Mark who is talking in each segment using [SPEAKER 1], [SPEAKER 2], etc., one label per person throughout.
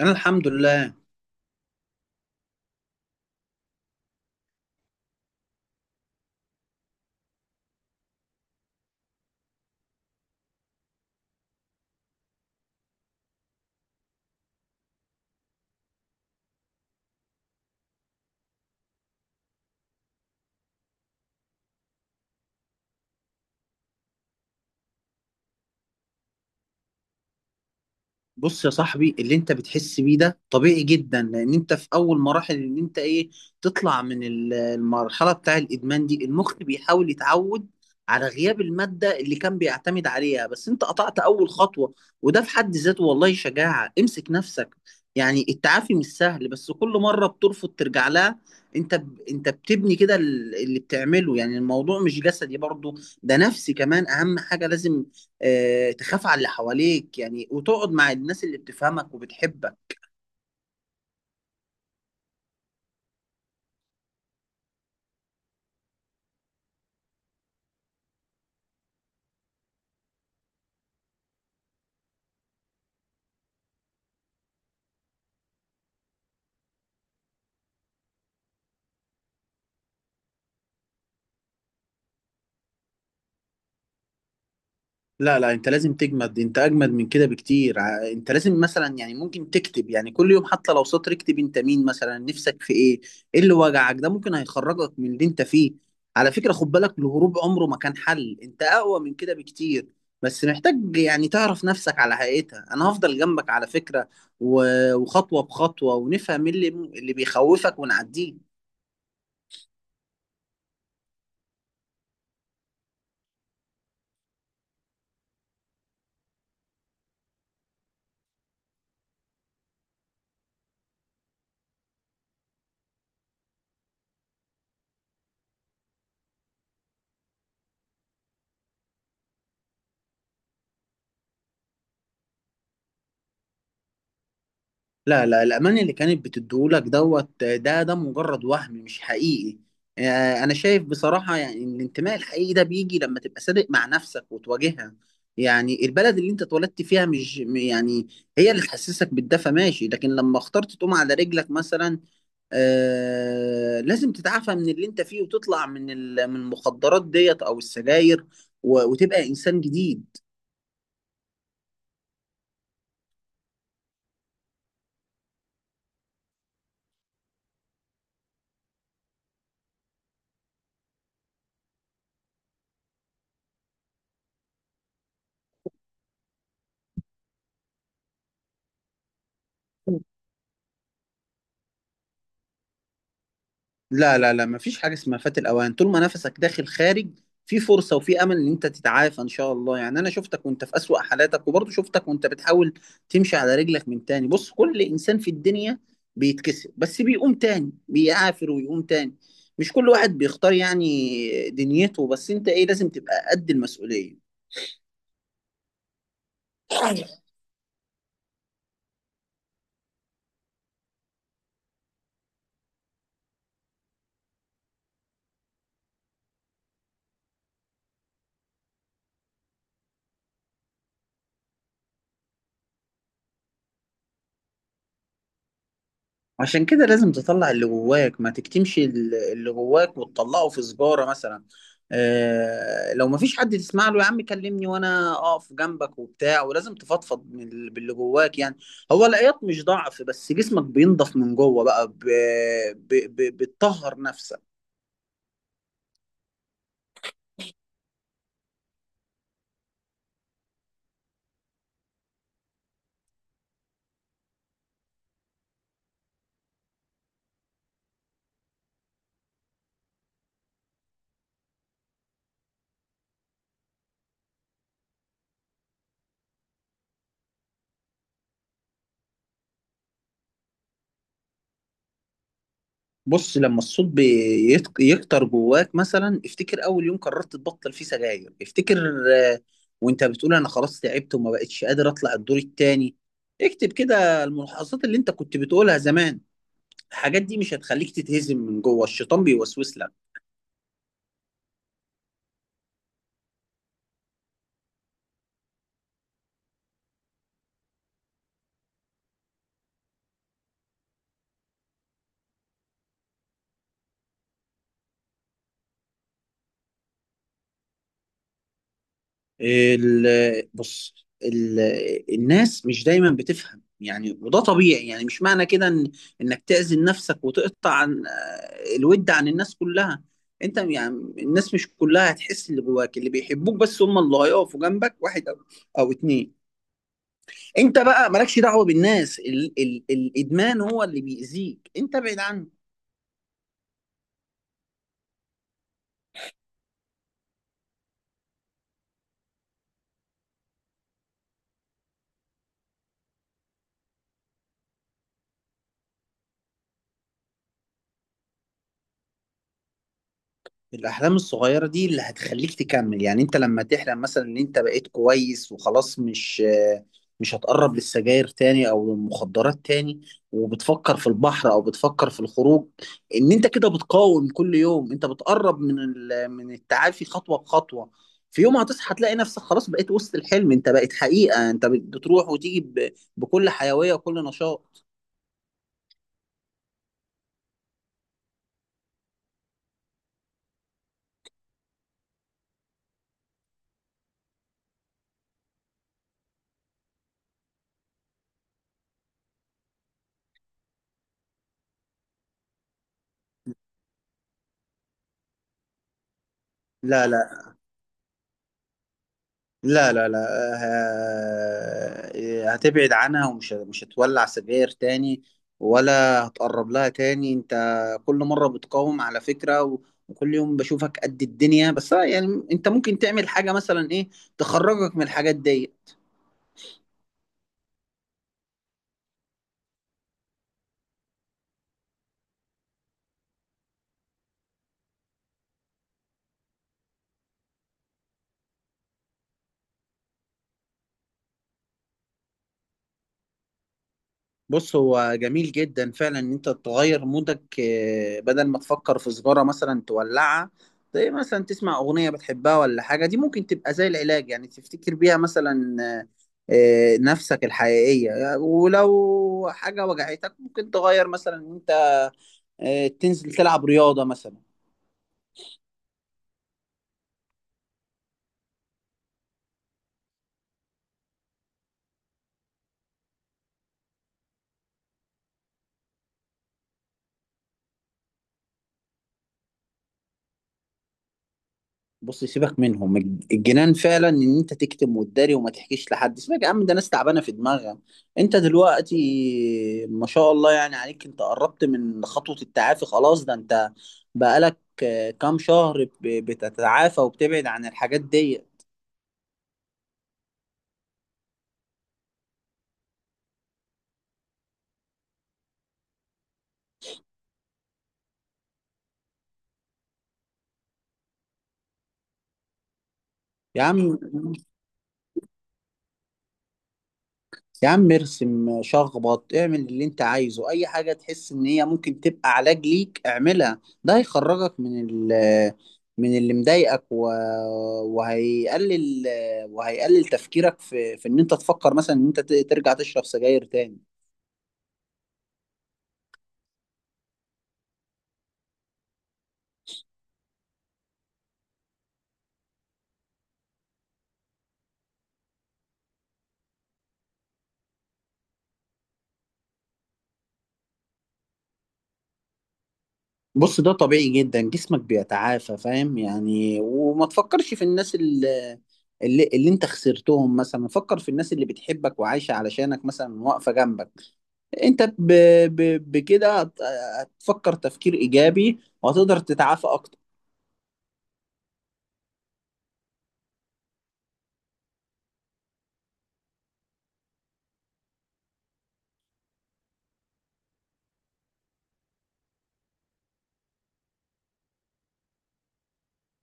[SPEAKER 1] انا الحمد لله. بص يا صاحبي، اللي انت بتحس بيه ده طبيعي جدا، لان انت في اول مراحل ان انت تطلع من المرحله بتاع الادمان دي. المخ بيحاول يتعود على غياب الماده اللي كان بيعتمد عليها، بس انت قطعت اول خطوه، وده في حد ذاته والله شجاعه. امسك نفسك، يعني التعافي مش سهل، بس كل مره بترفض ترجع لها انت انت بتبني كده اللي بتعمله. يعني الموضوع مش جسدي برضه، ده نفسي كمان. اهم حاجه لازم تخاف على اللي حواليك يعني، وتقعد مع الناس اللي بتفهمك وبتحبك. لا لا، انت لازم تجمد، انت اجمد من كده بكتير. انت لازم مثلا، يعني ممكن تكتب، يعني كل يوم حتى لو سطر، اكتب انت مين مثلا، نفسك في ايه، ايه اللي وجعك. ده ممكن هيخرجك من اللي انت فيه. على فكرة خد بالك، الهروب عمره ما كان حل، انت اقوى من كده بكتير، بس محتاج يعني تعرف نفسك على حقيقتها. انا هفضل جنبك على فكرة، وخطوة بخطوة، ونفهم إيه اللي بيخوفك ونعديه. لا لا، الأمان اللي كانت بتديهولك دوت ده ده مجرد وهم مش حقيقي. أنا شايف بصراحة يعني إن الانتماء الحقيقي ده بيجي لما تبقى صادق مع نفسك وتواجهها. يعني البلد اللي أنت اتولدت فيها مش يعني هي اللي تحسسك بالدفى ماشي، لكن لما اخترت تقوم على رجلك مثلا، آه لازم تتعافى من اللي أنت فيه، وتطلع من من المخدرات ديت أو السجاير، وتبقى إنسان جديد. لا لا لا، مفيش حاجة اسمها فات الأوان. طول ما نفسك داخل خارج في فرصة وفي أمل إن أنت تتعافى إن شاء الله. يعني أنا شفتك وأنت في أسوأ حالاتك، وبرضه شفتك وأنت بتحاول تمشي على رجلك من تاني. بص كل إنسان في الدنيا بيتكسر، بس بيقوم تاني، بيعافر ويقوم تاني. مش كل واحد بيختار يعني دنيته، بس أنت إيه، لازم تبقى قد المسؤولية. عشان كده لازم تطلع اللي جواك، ما تكتمش اللي جواك وتطلعه في سجارة مثلا. آه لو ما فيش حد تسمع له، يا عم كلمني وانا اقف جنبك وبتاع، ولازم تفضفض من باللي جواك يعني. هو العياط مش ضعف، بس جسمك بينضف من جوه بقى، بتطهر نفسك. بص لما الصوت يكتر جواك مثلا، افتكر اول يوم قررت تبطل فيه سجاير، افتكر، آه، وانت بتقول انا خلاص تعبت وما بقتش قادر اطلع الدور التاني. اكتب كده الملاحظات اللي انت كنت بتقولها زمان. الحاجات دي مش هتخليك تتهزم من جوه، الشيطان بيوسوس لك. بص ال- الناس مش دايما بتفهم يعني، وده طبيعي. يعني مش معنى كده إن انك تأذي نفسك وتقطع عن الود عن الناس كلها. انت يعني الناس مش كلها هتحس اللي جواك، اللي بيحبوك بس هم اللي هيقفوا جنبك، واحد او او اتنين. انت بقى مالكش دعوة بالناس، ال ال الادمان هو اللي بيأذيك، انت ابعد عنه. الأحلام الصغيرة دي اللي هتخليك تكمل. يعني أنت لما تحلم مثلا إن أنت بقيت كويس وخلاص، مش هتقرب للسجاير تاني أو للمخدرات تاني، وبتفكر في البحر أو بتفكر في الخروج، إن أنت كده بتقاوم كل يوم، أنت بتقرب من من التعافي خطوة بخطوة. في يوم هتصحى تلاقي نفسك خلاص بقيت وسط الحلم، أنت بقيت حقيقة، أنت بتروح وتيجي بكل حيوية وكل نشاط. لا لا لا لا، هتبعد عنها، مش هتولع سجاير تاني، ولا هتقرب لها تاني. انت كل مرة بتقاوم على فكرة، وكل يوم بشوفك قد الدنيا، بس آه، يعني انت ممكن تعمل حاجة مثلا ايه تخرجك من الحاجات دي. بص هو جميل جدا فعلا ان انت تغير مودك، بدل ما تفكر في سجارة مثلا تولعها، زي مثلا تسمع اغنية بتحبها ولا حاجة، دي ممكن تبقى زي العلاج. يعني تفتكر بيها مثلا نفسك الحقيقية، ولو حاجة وجعتك ممكن تغير مثلا ان انت، تنزل تلعب رياضة مثلا. بص سيبك منهم، الجنان فعلا ان انت تكتم وتداري وما تحكيش لحد. سيبك يا عم، ده ناس تعبانه في دماغها. انت دلوقتي ما شاء الله يعني عليك، انت قربت من خطوه التعافي خلاص، ده انت بقالك كام شهر بتتعافى وبتبعد عن الحاجات دي. يا عم يا عم ارسم، شخبط، اعمل اللي انت عايزه، اي حاجة تحس ان هي ممكن تبقى علاج ليك اعملها. ده هيخرجك من من اللي مضايقك و... وهيقلل وهيقلل تفكيرك في في ان انت تفكر مثلا ان انت ترجع تشرب سجاير تاني. بص ده طبيعي جدا، جسمك بيتعافى فاهم يعني. وما تفكرش في الناس اللي انت خسرتهم مثلا، فكر في الناس اللي بتحبك وعايشة علشانك مثلا، واقفة جنبك. انت بكده هتفكر تفكير ايجابي وهتقدر تتعافى اكتر.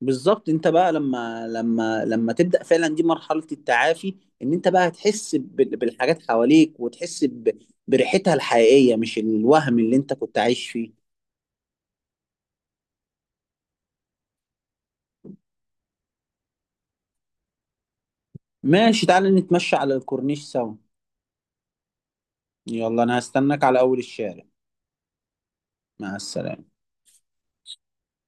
[SPEAKER 1] بالظبط. انت بقى لما تبدا فعلا دي مرحله التعافي، ان انت بقى هتحس بالحاجات حواليك وتحس ب... بريحتها الحقيقيه، مش الوهم اللي انت كنت عايش فيه. ماشي تعالى نتمشى على الكورنيش سوا. يلا انا هستناك على اول الشارع. مع السلامه.